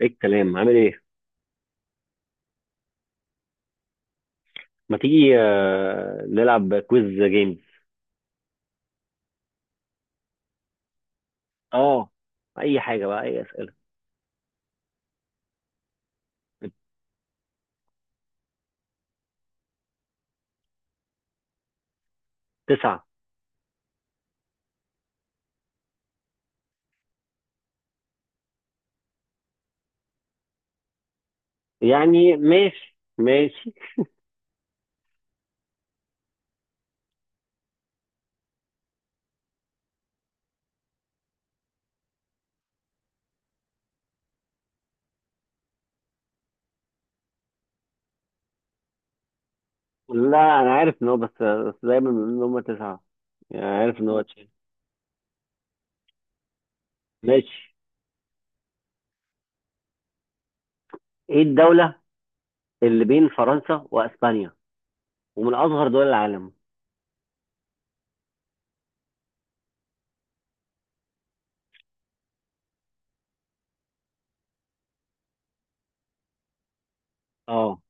ايه الكلام عامل ايه؟ ما تيجي نلعب كويز جيمز. اه. اي حاجه بقى، اي اسئله. تسعه. يعني ماشي ماشي. لا، انا عارف ان هو، بس دايما بيقولوا ان هم تسعه. يعني عارف ان هو تشيل. ماشي. ايه الدوله اللي بين فرنسا واسبانيا ومن اصغر دول العالم؟ اه.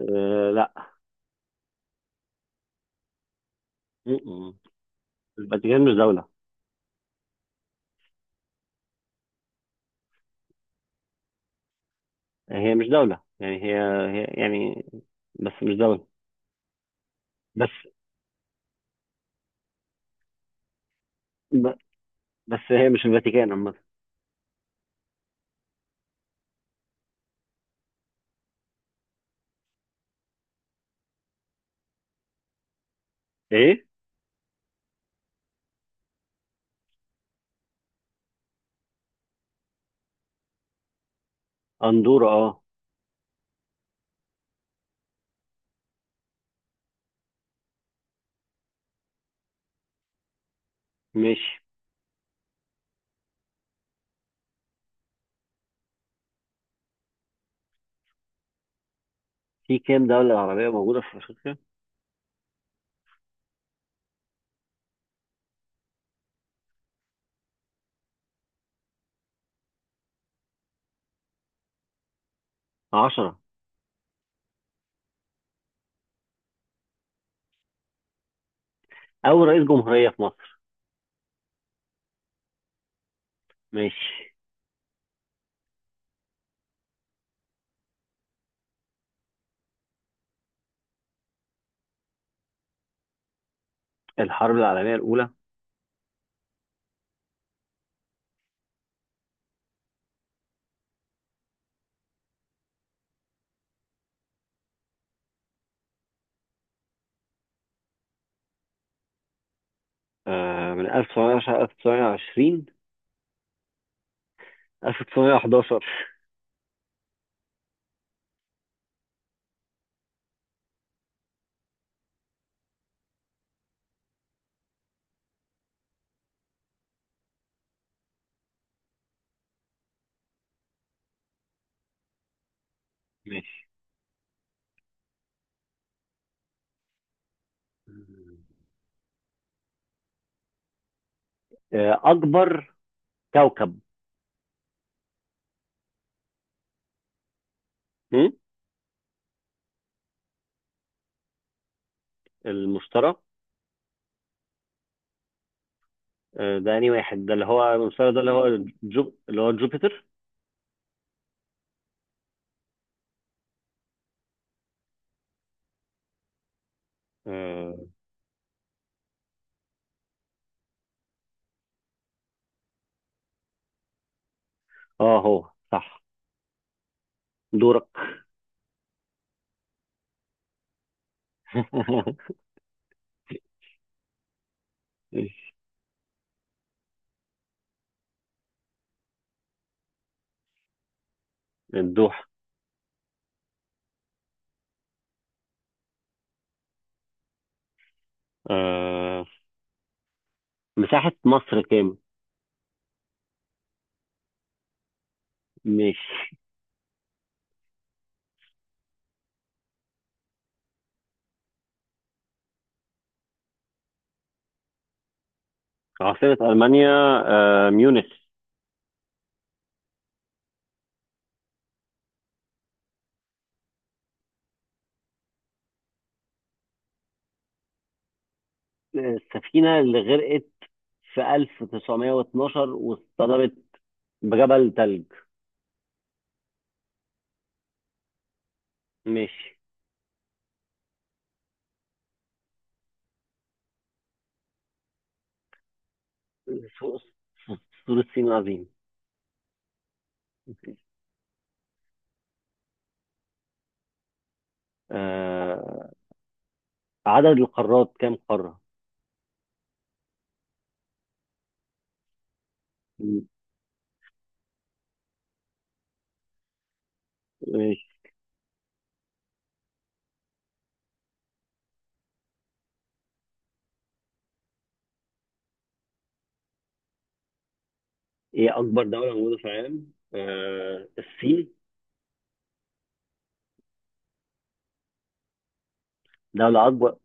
لا. م-م. الفاتيكان مش دوله. هي مش دوله يعني هي يعني، بس مش دوله. بس ب... بس هي مش الفاتيكان عامه. ايه، أندورا. أه، ماشي. في كام دولة عربية موجودة في أفريقيا؟ 10. أول رئيس جمهورية في مصر؟ ماشي. الحرب العالمية الأولى. من 1910، 1920. 1911. ماشي. أكبر كوكب. هم؟ المشتري. ده أنهي واحد، ده اللي هو المشتري، ده اللي هو جو، اللي هو جوبيتر؟ آه. هو صح. دورك. ماشي. الدوحة. آه مساحة مصر كام؟ ماشي. عاصمة ألمانيا. ميونخ. السفينة اللي غرقت في 1912 واصطدمت بجبل ثلج؟ ماشي. سور سور الصين العظيم. آه، عدد القارات كام قارة؟ م- ماشي. ايه أكبر دولة موجودة في العالم؟ الصين. دولة أكبر.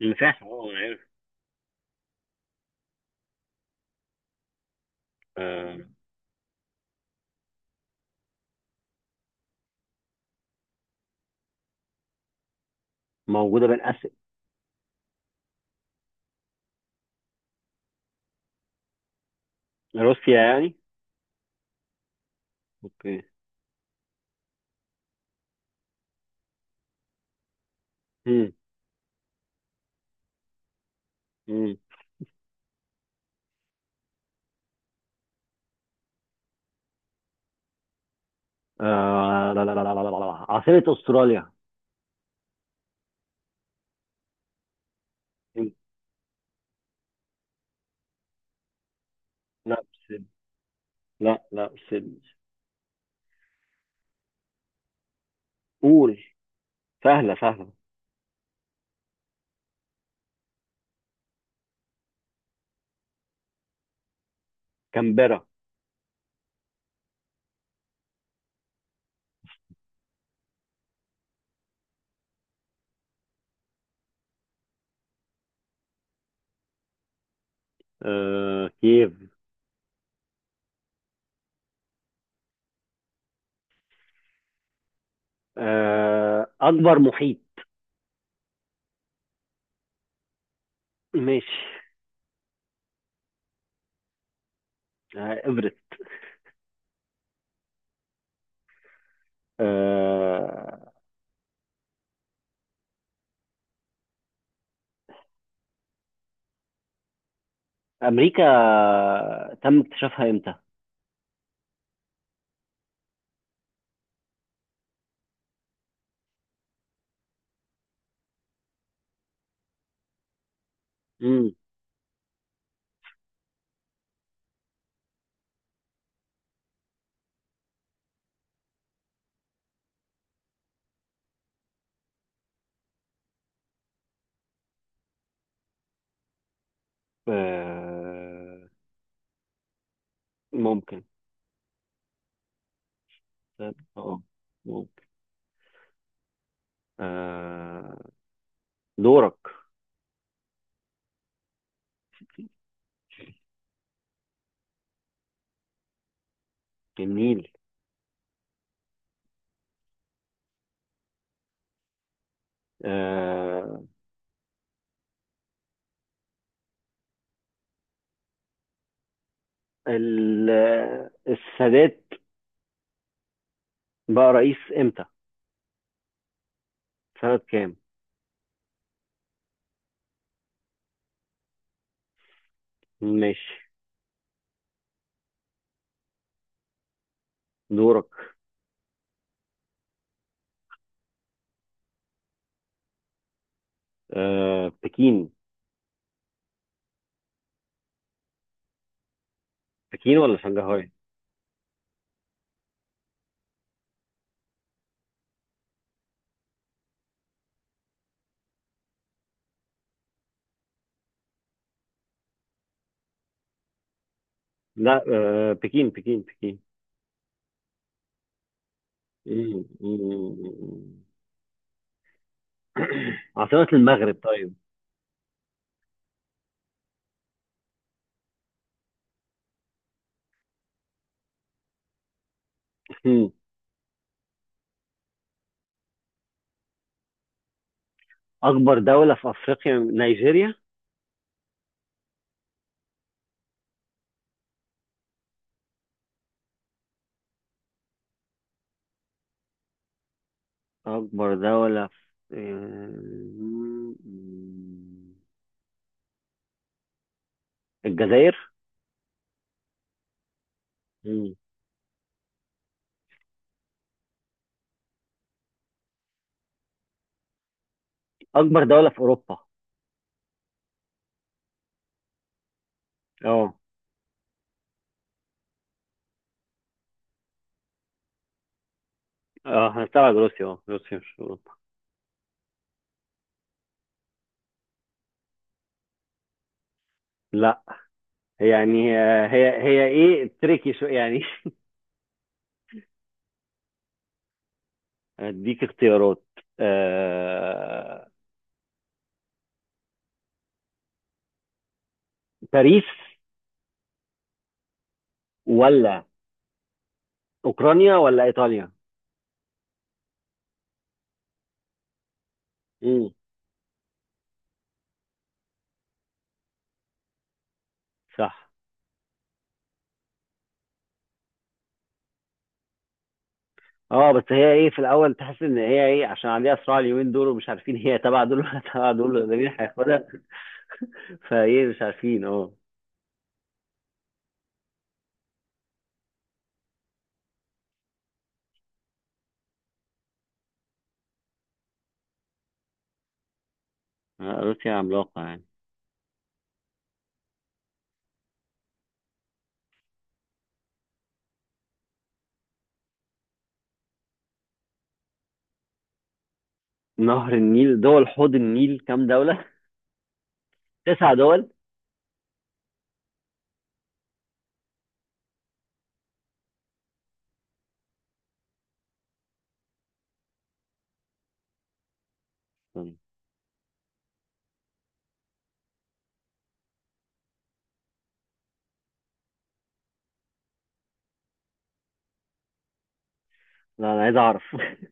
مساحة، أنا عارف. آه، موجودة بين آسيا. روسيا يعني؟ اوكي. مم. مم. لا لا لا لا لا لا لا. عاصمة أستراليا؟ لا، سيدني. لا لا، سيدني. قول. سهلة سهلة. كامبرا. كييف. أكبر محيط. ماشي. إيفرست. آه أمريكا تم اكتشافها إمتى؟ مم. آه ممكن. طيب، ممكن. آه دورك. جميل. آه ال- السادات بقى رئيس إمتى؟ سنة كام؟ ماشي. دورك. بكين. بكين ولا شنغهاي؟ لا، بكين بكين بكين. مم، مم، مم. عاصمة المغرب طيب. مم. أكبر دولة في أفريقيا، نيجيريا. أكبر دولة في الجزائر. مم. أكبر دولة في أوروبا؟ اه. اه، هنستبعد روسيا. اه روسيا مش في أوروبا. لا. يعني هي ايه، تريكي شو يعني. اديك اختيارات. آه... باريس. ولا اوكرانيا ولا ايطاليا؟ امم صح. اه، بس هي ايه، في الاول تحس ان هي ايه عشان عليها صراع اليومين دول، ومش عارفين هي تبع دول ولا تبع دول ولا مين هياخدها. فايه، مش عارفين، اه. روسيا عملاقة يعني. نهر النيل دول حوض النيل كام دولة؟ تسع دول. استنى. لا، انا عايز اعرف.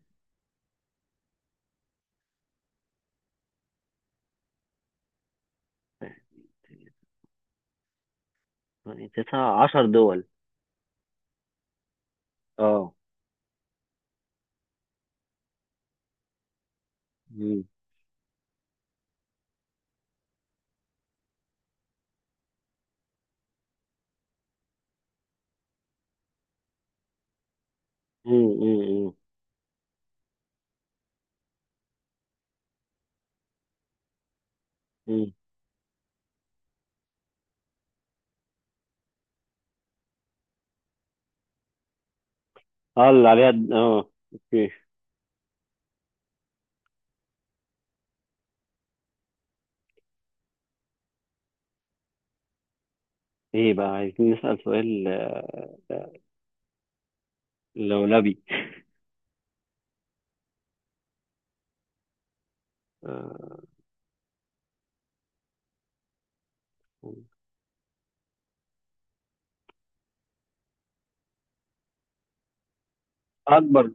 يعني 19 دول. اه. مم. مم، مم، مم، مم. اه، اللي عليها اه، اوكي. ايه بقى، عايزين نسأل سؤال لولبي. آه، أكبر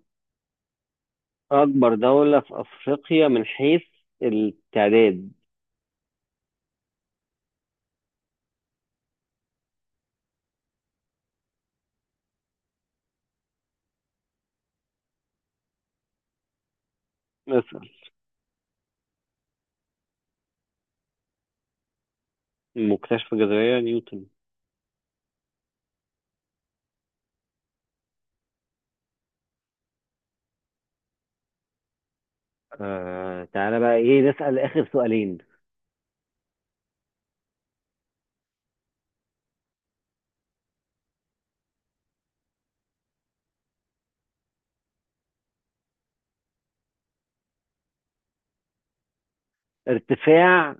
أكبر دولة في أفريقيا من حيث التعداد؟ نسأل. مكتشف الجاذبية نيوتن. تعالى بقى، إيه، نسأل آخر سؤالين. ارتفاع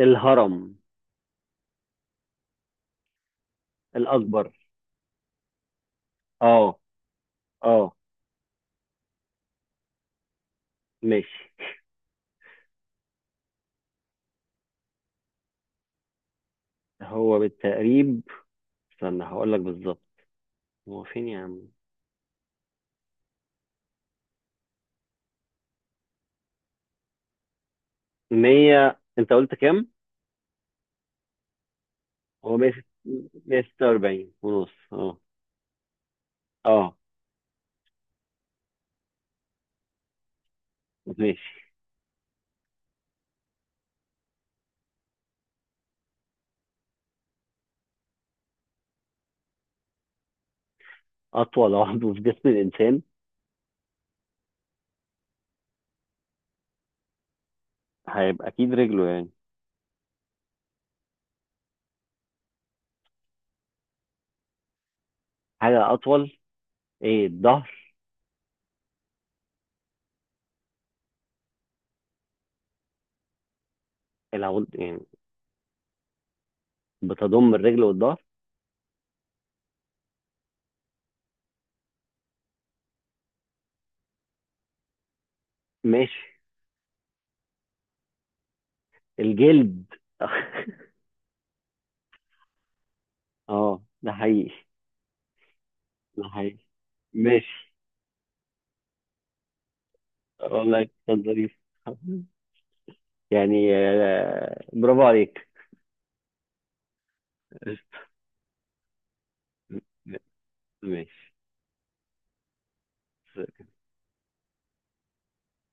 الهرم الأكبر؟ أه، أه. ماشي. هو بالتقريب. استنى، هقول لك بالظبط. هو فين يا عم؟ 100، أنت قلت كام؟ هو 146 ونص. أه. أه. ماشي. أطول عضو في جسم الإنسان؟ هيبقى أكيد رجله يعني. حاجة أطول؟ ايه، الظهر؟ العود يعني. بتضم الرجل والظهر. ماشي. الجلد. اه، ده حقيقي. ده حقيقي. ماشي. والله كان ظريف. يعني، برافو عليك. ماشي